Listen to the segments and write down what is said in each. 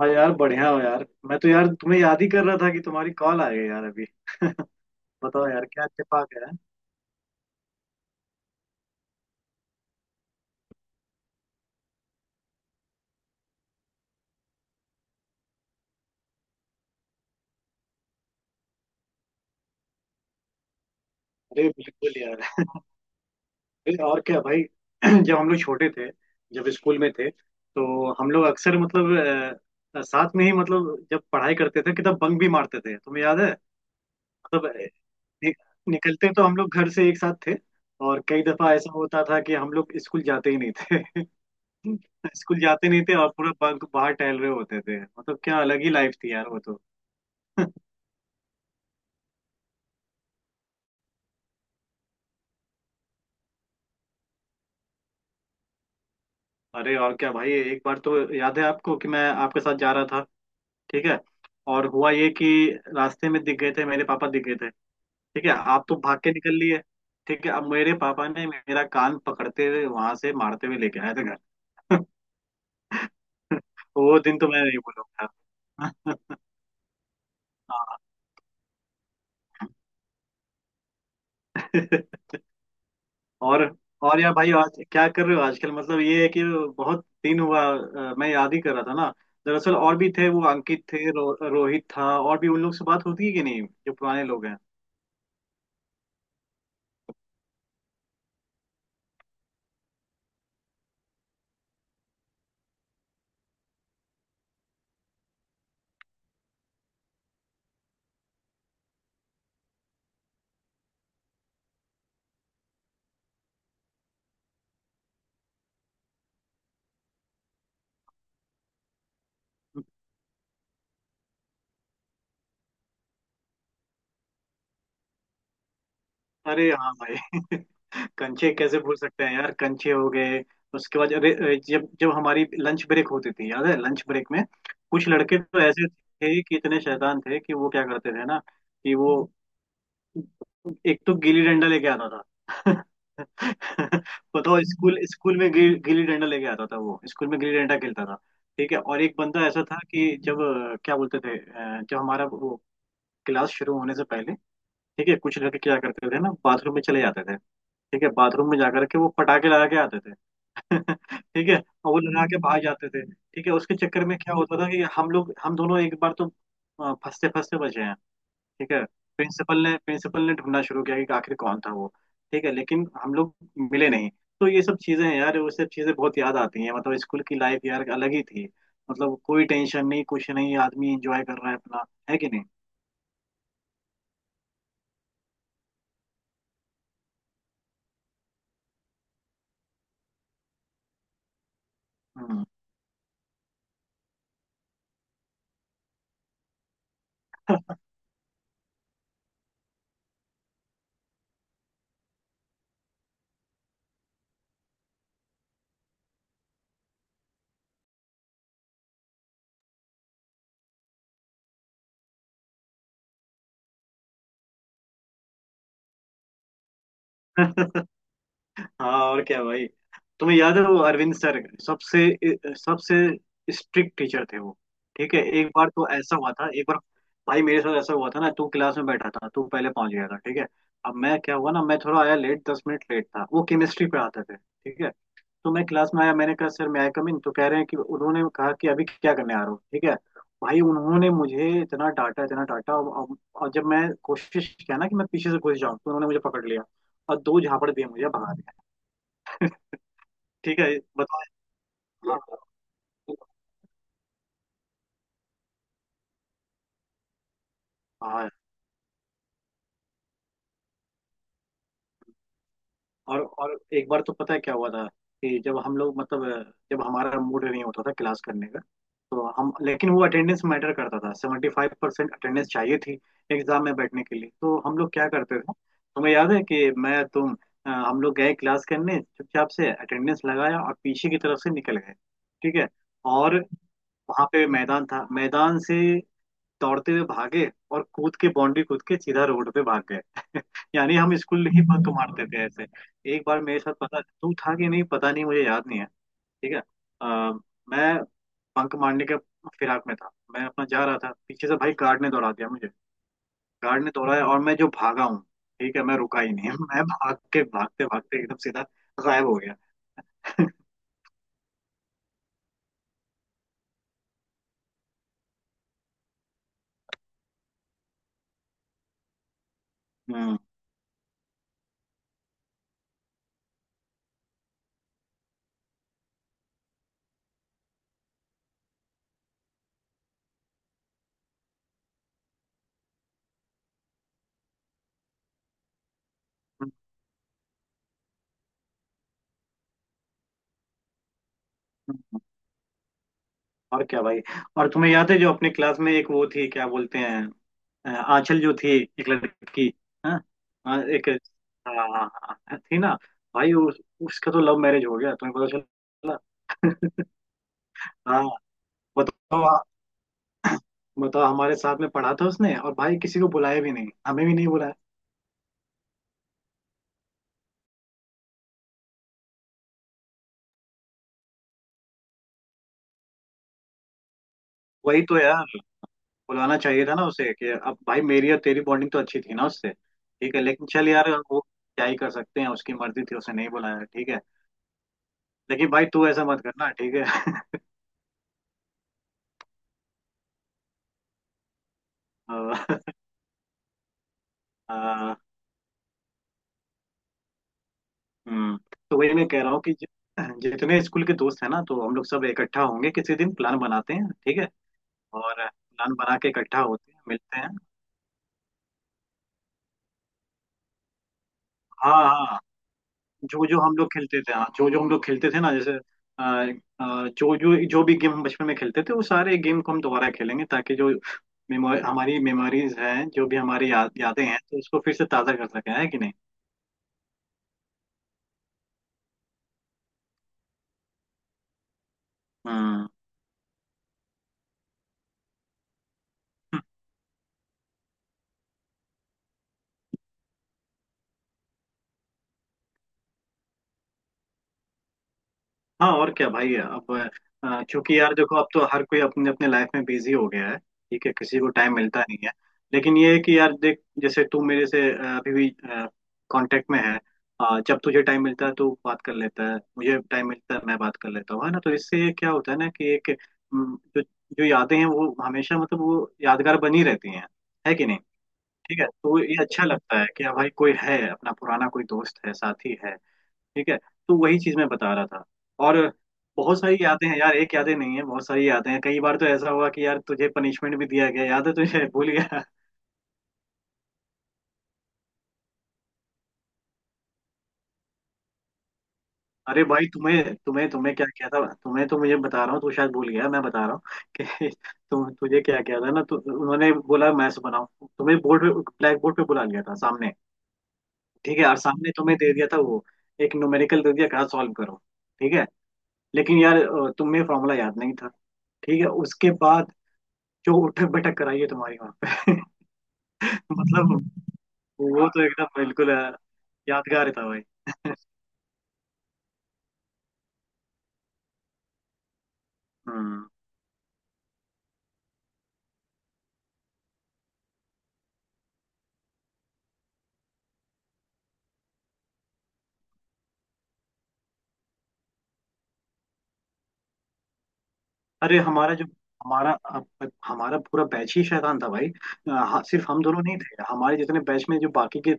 हाँ यार बढ़िया हो यार, मैं तो यार तुम्हें याद ही कर रहा था कि तुम्हारी कॉल आ गई यार अभी। बताओ यार, क्या छिपा गया है? अरे बिल्कुल यार। अरे और क्या भाई। जब हम लोग छोटे थे, जब स्कूल में थे, तो हम लोग अक्सर मतलब साथ में ही, मतलब जब पढ़ाई करते थे कि तब बंक भी मारते थे, तुम्हें याद है। मतलब नि, निकलते तो हम लोग घर से एक साथ थे, और कई दफा ऐसा होता था कि हम लोग स्कूल जाते ही नहीं थे। स्कूल जाते नहीं थे और पूरा बंक बाहर टहल रहे होते थे। मतलब क्या अलग ही लाइफ थी यार वो तो। अरे और क्या भाई, एक बार तो याद है आपको कि मैं आपके साथ जा रहा था, ठीक है, और हुआ ये कि रास्ते में दिख गए थे, मेरे पापा दिख गए थे। ठीक है, आप तो भाग के निकल लिए। ठीक है, अब मेरे पापा ने मेरा कान पकड़ते हुए वहां से मारते हुए लेके आए थे घर। वो दिन तो मैं नहीं भूलूंगा। हाँ। और और यार भाई आज क्या कर रहे हो आजकल? मतलब ये है कि बहुत दिन हुआ, मैं याद ही कर रहा था ना। दरअसल और भी थे, वो अंकित थे, रोहित था, और भी उन लोग से बात होती है कि नहीं, जो पुराने लोग हैं। अरे हाँ भाई। कंचे कैसे भूल सकते हैं यार, कंचे हो गए। उसके बाद अरे अरे, जब जब हमारी लंच ब्रेक होती थी, याद है, लंच ब्रेक में कुछ लड़के तो ऐसे थे कि इतने शैतान थे कि वो क्या करते थे ना, कि वो एक तो गिल्ली डंडा लेके आता था। बताओ, स्कूल स्कूल में गिल्ली डंडा लेके आता था, वो स्कूल में गिल्ली डंडा खेलता था। ठीक है, और एक बंदा ऐसा था कि जब क्या बोलते थे, जब हमारा वो क्लास शुरू होने से पहले, ठीक है, कुछ लड़के क्या करते थे ना, बाथरूम में चले जाते थे। ठीक है, बाथरूम में जाकर के वो पटाखे लगा के आते थे। ठीक है, और वो लगा के भाग जाते थे। ठीक है, उसके चक्कर में क्या होता था कि हम लोग, हम दोनों एक बार तो फंसते फंसते बचे हैं। ठीक है। प्रिंसिपल ने ढूंढना शुरू किया कि आखिर कौन था वो। ठीक है, लेकिन हम लोग मिले नहीं। तो ये सब चीजें हैं यार, वो सब चीजें बहुत याद आती हैं। मतलब स्कूल की लाइफ यार अलग ही थी। मतलब कोई टेंशन नहीं, कुछ नहीं, आदमी एंजॉय कर रहा है अपना, है कि नहीं। हम्म। हाँ, और क्या भाई, तुम्हें याद है वो अरविंद सर, सबसे सबसे स्ट्रिक्ट टीचर थे वो। ठीक है, एक बार तो ऐसा हुआ था, एक बार भाई मेरे साथ ऐसा हुआ था ना, तू क्लास में बैठा था, तू पहले पहुंच गया था। ठीक है, अब मैं, क्या हुआ ना, मैं थोड़ा आया लेट, 10 मिनट लेट था। वो केमिस्ट्री पढ़ाते थे। ठीक है, तो मैं क्लास में आया, मैंने कहा सर, मैं आई कम इन? तो कह रहे हैं कि, उन्होंने कहा कि अभी क्या करने आ रहा हूँ। ठीक है, भाई उन्होंने मुझे इतना डांटा, इतना डांटा, और जब मैं कोशिश किया ना कि मैं पीछे से घुस जाऊं, तो उन्होंने मुझे पकड़ लिया और 2 झापड़ दिए मुझे भगा। ठीक है। बताओ। हाँ, हाँ। और एक बार तो पता है क्या हुआ था, कि जब हम लोग मतलब जब हमारा मूड नहीं होता था क्लास करने का, तो हम लेकिन वो अटेंडेंस मैटर करता था, 75% अटेंडेंस चाहिए थी एग्जाम में बैठने के लिए, तो हम लोग क्या करते थे, तुम्हें याद है कि मैं तुम हम लोग गए क्लास करने, चुपचाप से अटेंडेंस लगाया और पीछे की तरफ से निकल गए। ठीक है, और वहाँ पे मैदान था, मैदान से दौड़ते हुए भागे और कूद के बाउंड्री कूद के सीधा रोड पे भाग गए। यानी हम स्कूल ही बंक मारते थे ऐसे। एक बार मेरे साथ, पता तू था कि नहीं, पता नहीं, मुझे याद नहीं है। ठीक है, आ, मैं बंक मारने के फिराक में था, मैं अपना जा रहा था, पीछे से भाई गार्ड ने दौड़ा दिया मुझे। गार्ड ने दौड़ाया और मैं जो भागा हूँ, ठीक है, मैं रुका ही नहीं। मैं भाग के, भागते भागते एकदम सीधा गायब हो गया। हम्म। हम्म, हम्म। और क्या भाई, और तुम्हें याद है जो अपने क्लास में एक वो थी, क्या बोलते हैं, आंचल जो थी, एक लड़की, हाँ। हाँ, एक, हाँ, हाँ, हाँ, थी ना। भाई उसका तो लव मैरिज हो गया, तुम्हें पता चला? हाँ। बताओ, बताओ, हमारे साथ में पढ़ा था उसने, और भाई किसी को बुलाया भी नहीं, हमें भी नहीं बुलाया। वही तो यार, बुलाना चाहिए था ना उसे, कि अब भाई मेरी और तेरी बॉन्डिंग तो अच्छी थी ना उससे। ठीक है, लेकिन चल यार, वो क्या ही कर सकते हैं, उसकी मर्जी थी, उसे नहीं बुलाया। ठीक है, लेकिन भाई, तू ऐसा मत करना। ठीक है। आ, हम्म। तो वही मैं कह रहा हूँ कि जितने स्कूल के दोस्त हैं ना, तो हम लोग सब इकट्ठा होंगे, किसी दिन प्लान बनाते हैं। ठीक है, और प्लान बना के इकट्ठा होते हैं, मिलते हैं। हाँ, हाँ। जो जो हम लोग खेलते थे, हाँ, जो जो हम लोग खेलते थे ना, जैसे अ, जो जो जो भी गेम हम बचपन में खेलते थे, वो सारे गेम को हम दोबारा खेलेंगे, ताकि जो मेमोरी हमारी मेमोरीज हैं, जो भी हमारी यादें हैं, तो उसको फिर से ताज़ा कर सके, है कि नहीं। हम्म। हाँ, और क्या भाई अब, क्योंकि यार देखो, अब तो हर कोई अपने अपने लाइफ में बिजी हो गया है। ठीक है, किसी को टाइम मिलता नहीं है। लेकिन ये है कि यार देख, जैसे तू मेरे से अभी भी कांटेक्ट में है, जब तुझे टाइम मिलता है तो बात कर लेता है, मुझे टाइम मिलता है मैं बात कर लेता हूँ, है ना, तो इससे ये क्या होता है ना, कि एक जो जो यादें हैं, वो हमेशा, मतलब वो यादगार बनी रहती हैं, है कि नहीं। ठीक है, तो ये अच्छा लगता है कि हाँ भाई कोई है अपना, पुराना कोई दोस्त है, साथी है। ठीक है, तो वही चीज मैं बता रहा था। और बहुत सारी यादें हैं यार, एक यादें नहीं है, बहुत सारी यादें हैं। कई बार तो ऐसा हुआ कि यार तुझे पनिशमेंट भी दिया गया, याद है तुझे? भूल गया? अरे भाई तुम्हें तुम्हें तुम्हें क्या किया था, तुम्हें तो मुझे बता रहा हूँ, तू शायद भूल गया, मैं बता रहा हूँ कि तुम तुझे क्या किया था ना, तो उन्होंने बोला मैथ्स बनाओ, तुम्हें बोर्ड पे, ब्लैक बोर्ड पे बुला लिया था सामने। ठीक है, और सामने तुम्हें दे दिया था वो, एक न्यूमेरिकल दे दिया, कहा सॉल्व करो। ठीक है, लेकिन यार तुम्हें फॉर्मूला याद नहीं था। ठीक है, उसके बाद जो उठक बैठक कराई है तुम्हारी वहां पे। मतलब वो तो एकदम बिल्कुल यादगार था भाई। हम्म। अरे हमारा जो, हमारा पूरा बैच ही शैतान था भाई। हाँ, सिर्फ हम दोनों नहीं थे, हमारे जितने बैच में जो बाकी के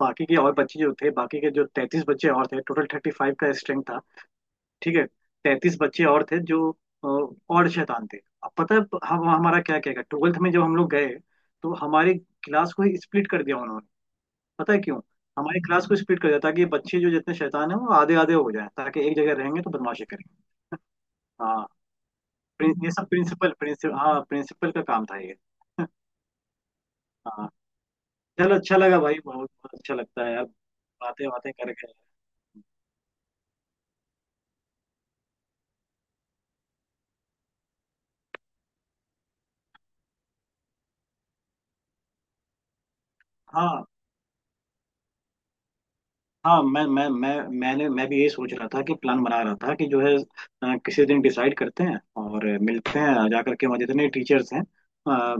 बाकी के और बच्चे जो थे, बाकी के जो 33 बच्चे और थे, टोटल 35 का स्ट्रेंथ था। ठीक है, 33 बच्चे और थे जो अ, और शैतान थे। अब पता है, हम हमारा क्या क्या क्या, ट्वेल्थ में जब हम लोग गए, तो हमारी क्लास को ही स्प्लिट कर दिया उन्होंने। पता है क्यों? हमारी क्लास को स्प्लिट कर दिया ताकि बच्चे जो जितने शैतान हैं वो आधे आधे हो जाएं, ताकि एक जगह रहेंगे तो बदमाशी करेंगे। हाँ, ये सब प्रिंसिपल, हाँ, प्रिंसिपल का काम था ये। हाँ। चलो अच्छा लगा भाई, बहुत बहुत अच्छा लगता है अब बातें, बातें करके। हाँ, हाँ। मैंने, मैं भी यही सोच रहा था, कि प्लान बना रहा था, कि जो है किसी दिन डिसाइड करते हैं और मिलते हैं, जा करके वहाँ जितने टीचर्स हैं,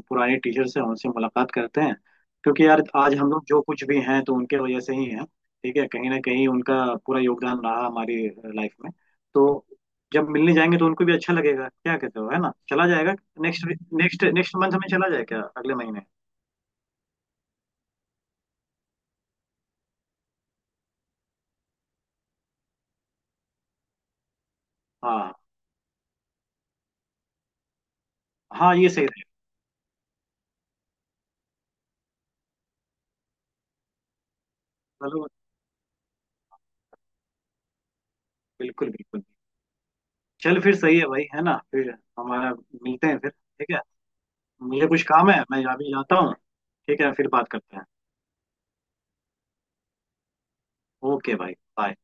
पुराने टीचर्स हैं, उनसे मुलाकात करते हैं। क्योंकि यार, आज हम लोग जो कुछ भी हैं तो उनके वजह से ही हैं। ठीक है, कहीं ना कहीं उनका पूरा योगदान रहा हमारी लाइफ में। तो जब मिलने जाएंगे तो उनको भी अच्छा लगेगा, क्या कहते हो, है ना, चला जाएगा। नेक्स्ट नेक्स्ट नेक्स्ट मंथ में चला जाए क्या, अगले महीने? हाँ, हाँ, ये सही रहेगा। चलो, बिल्कुल बिल्कुल। चल, फिर सही है भाई, है ना, फिर हमारा मिलते हैं फिर। ठीक है, मुझे कुछ काम है, मैं अभी जाता हूँ। ठीक है, फिर बात करते हैं। ओके भाई। बाय।